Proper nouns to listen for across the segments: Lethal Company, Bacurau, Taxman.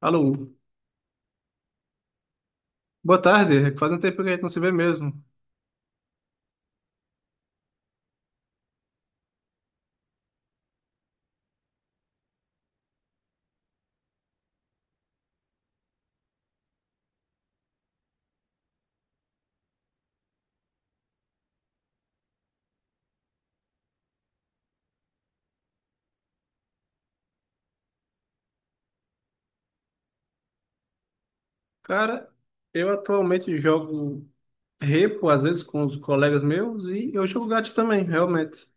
Alô, boa tarde. Faz um tempo que a gente não se vê mesmo. Cara, eu atualmente jogo repo, às vezes com os colegas meus, e eu jogo gato também, realmente.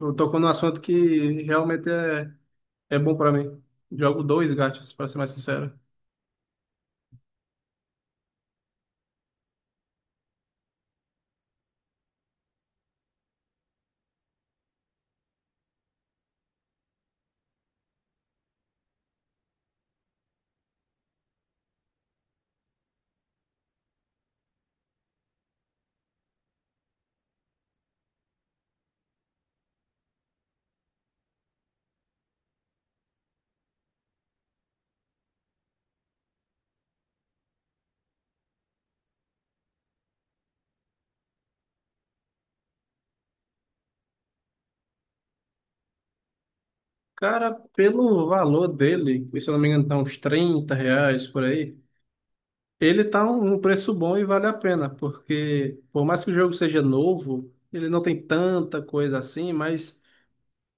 Eu tocou num assunto que realmente é bom pra mim. Jogo dois gatos, pra ser mais sincero. Cara, pelo valor dele, que se eu não me engano tá uns 30 reais por aí, ele tá um preço bom e vale a pena, porque por mais que o jogo seja novo, ele não tem tanta coisa assim, mas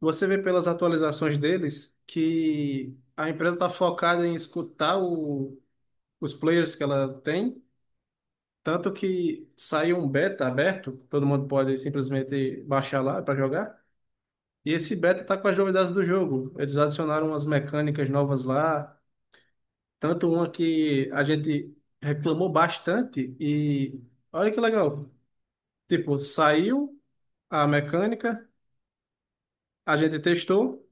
você vê pelas atualizações deles que a empresa está focada em escutar os players que ela tem, tanto que saiu um beta aberto, todo mundo pode simplesmente baixar lá para jogar, e esse beta tá com as novidades do jogo. Eles adicionaram umas mecânicas novas lá. Tanto uma que a gente reclamou bastante e olha que legal. Tipo, saiu a mecânica, a gente testou,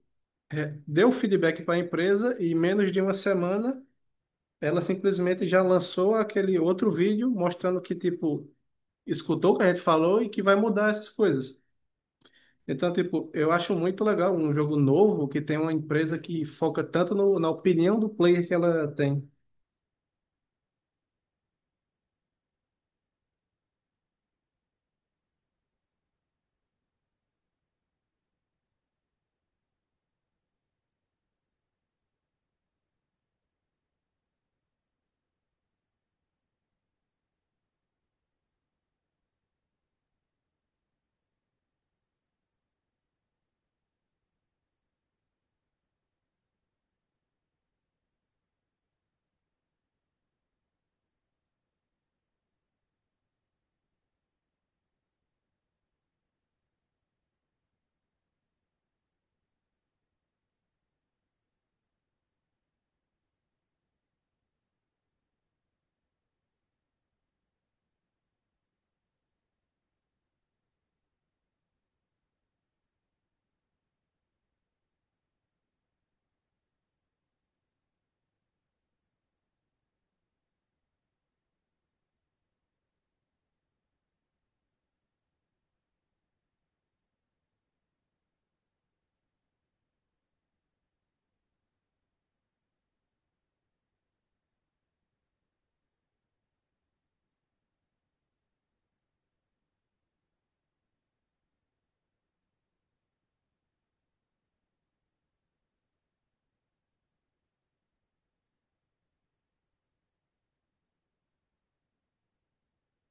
deu feedback para a empresa, e em menos de uma semana ela simplesmente já lançou aquele outro vídeo mostrando que, tipo, escutou o que a gente falou e que vai mudar essas coisas. Então, tipo, eu acho muito legal um jogo novo que tem uma empresa que foca tanto na opinião do player que ela tem.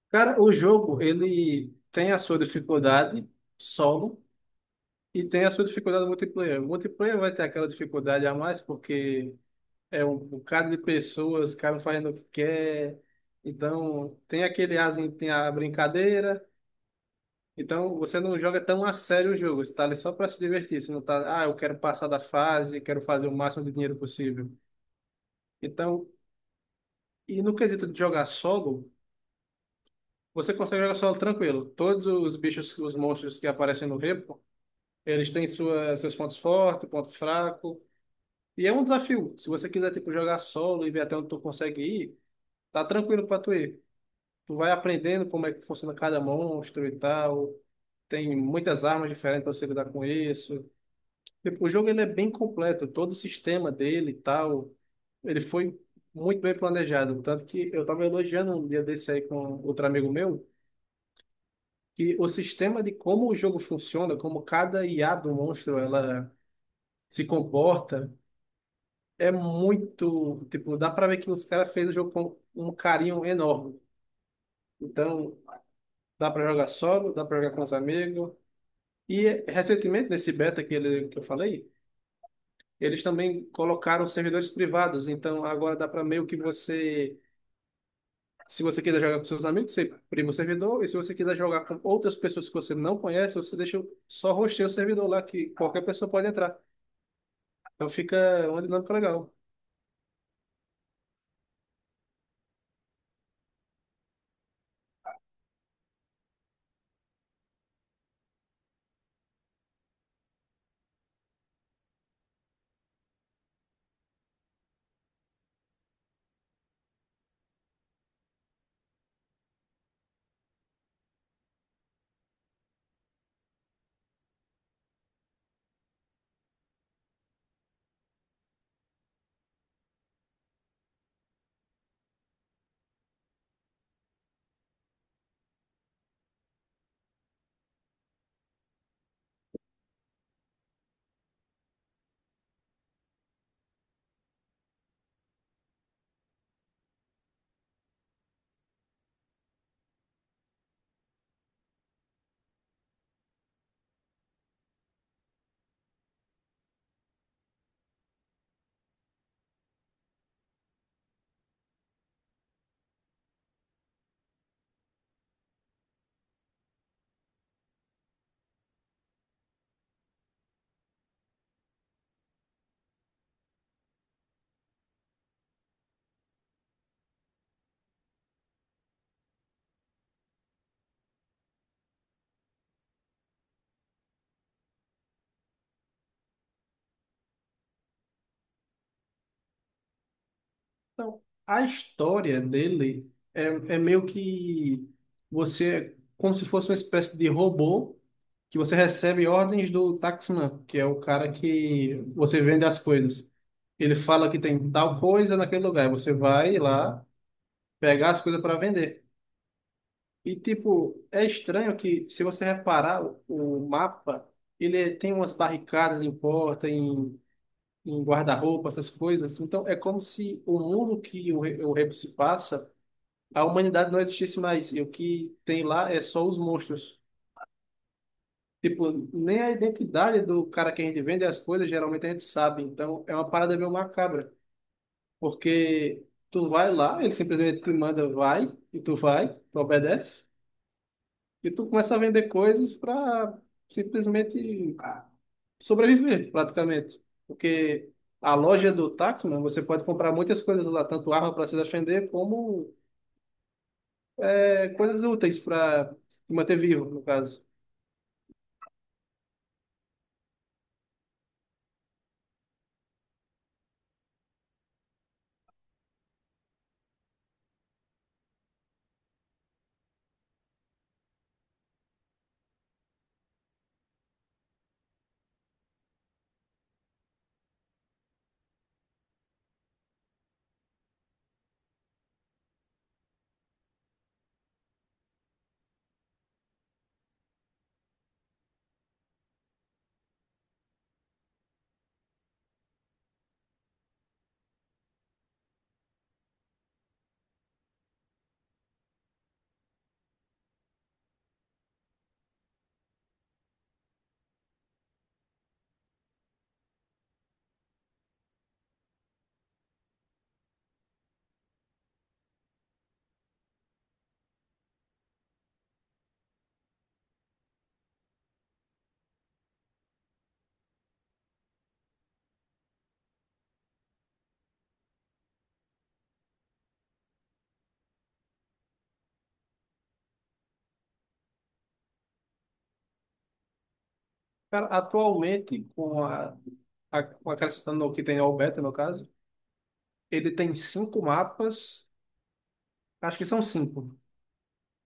Cara, o jogo, ele tem a sua dificuldade solo e tem a sua dificuldade multiplayer. O multiplayer vai ter aquela dificuldade a mais porque é um bocado de pessoas, cada um fazendo o que quer. Então, tem aquele asinho, tem a brincadeira. Então, você não joga tão a sério o jogo. Você tá ali só para se divertir. Você não tá, ah, eu quero passar da fase, quero fazer o máximo de dinheiro possível. Então, e no quesito de jogar solo, você consegue jogar solo tranquilo. Todos os bichos, os monstros que aparecem no eles têm sua, seus pontos fortes, ponto fraco. E é um desafio. Se você quiser, tipo, jogar solo e ver até onde tu consegue ir, tá tranquilo pra tu ir. Tu vai aprendendo como é que funciona cada monstro e tal. Tem muitas armas diferentes pra você lidar com isso. Tipo, o jogo ele é bem completo. Todo o sistema dele e tal, ele foi muito bem planejado. Tanto que eu tava elogiando um dia desse aí com outro amigo meu, que o sistema de como o jogo funciona, como cada IA do monstro, ela se comporta é muito, tipo, dá pra ver que os caras fez o jogo com um carinho enorme. Então, dá pra jogar solo, dá pra jogar com os amigos. E recentemente nesse beta que eu falei, eles também colocaram servidores privados, então agora dá pra meio que você, se você quiser jogar com seus amigos, você prima o servidor. E se você quiser jogar com outras pessoas que você não conhece, você deixa só rostear o servidor lá, que qualquer pessoa pode entrar. Então fica uma dinâmica legal. Então, a história dele é, é meio que você, é como se fosse uma espécie de robô que você recebe ordens do taxman, que é o cara que você vende as coisas. Ele fala que tem tal coisa naquele lugar, e você vai lá pegar as coisas para vender. E tipo, é estranho que, se você reparar o mapa, ele tem umas barricadas em porta, em guarda-roupa, essas coisas. Então é como se o mundo que o Rebo se passa, a humanidade não existisse mais. E o que tem lá é só os monstros. Tipo, nem a identidade do cara que a gente vende é as coisas, geralmente a gente sabe. Então, é uma parada meio macabra. Porque tu vai lá, ele simplesmente te manda vai, e tu vai, tu obedece, e tu começa a vender coisas para simplesmente, ah, sobreviver, praticamente. Porque a loja do Taxman, você pode comprar muitas coisas lá, tanto arma para se defender, como é, coisas úteis para te manter vivo, no caso. Cara, atualmente, com com acrescentando o que tem ao beta, no caso, ele tem 5 mapas, acho que são 5.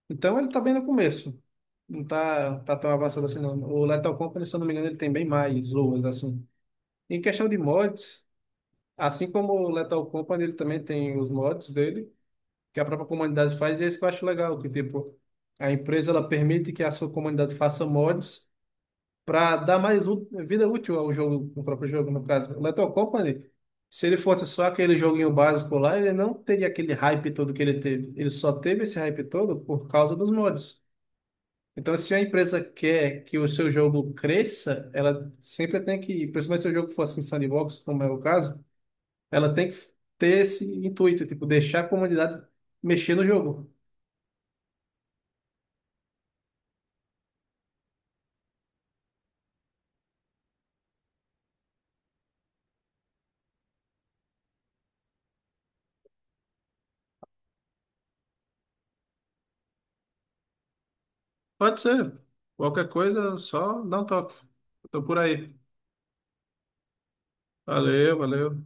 Então ele tá bem no começo. Não tá tão avançado assim, não. O Lethal Company, se eu não me engano, ele tem bem mais luas, assim. Em questão de mods, assim como o Lethal Company, ele também tem os mods dele, que a própria comunidade faz, e esse que eu acho legal, que tipo, a empresa ela permite que a sua comunidade faça mods para dar mais vida útil ao jogo, ao próprio jogo, no caso. O Lethal Company, se ele fosse só aquele joguinho básico lá, ele não teria aquele hype todo que ele teve. Ele só teve esse hype todo por causa dos mods. Então, se a empresa quer que o seu jogo cresça, ela sempre tem que, principalmente se o jogo for assim sandbox, como é o caso, ela tem que ter esse intuito, tipo, deixar a comunidade mexer no jogo. Pode ser. Qualquer coisa, só dá um toque. Tô por aí. Valeu, valeu.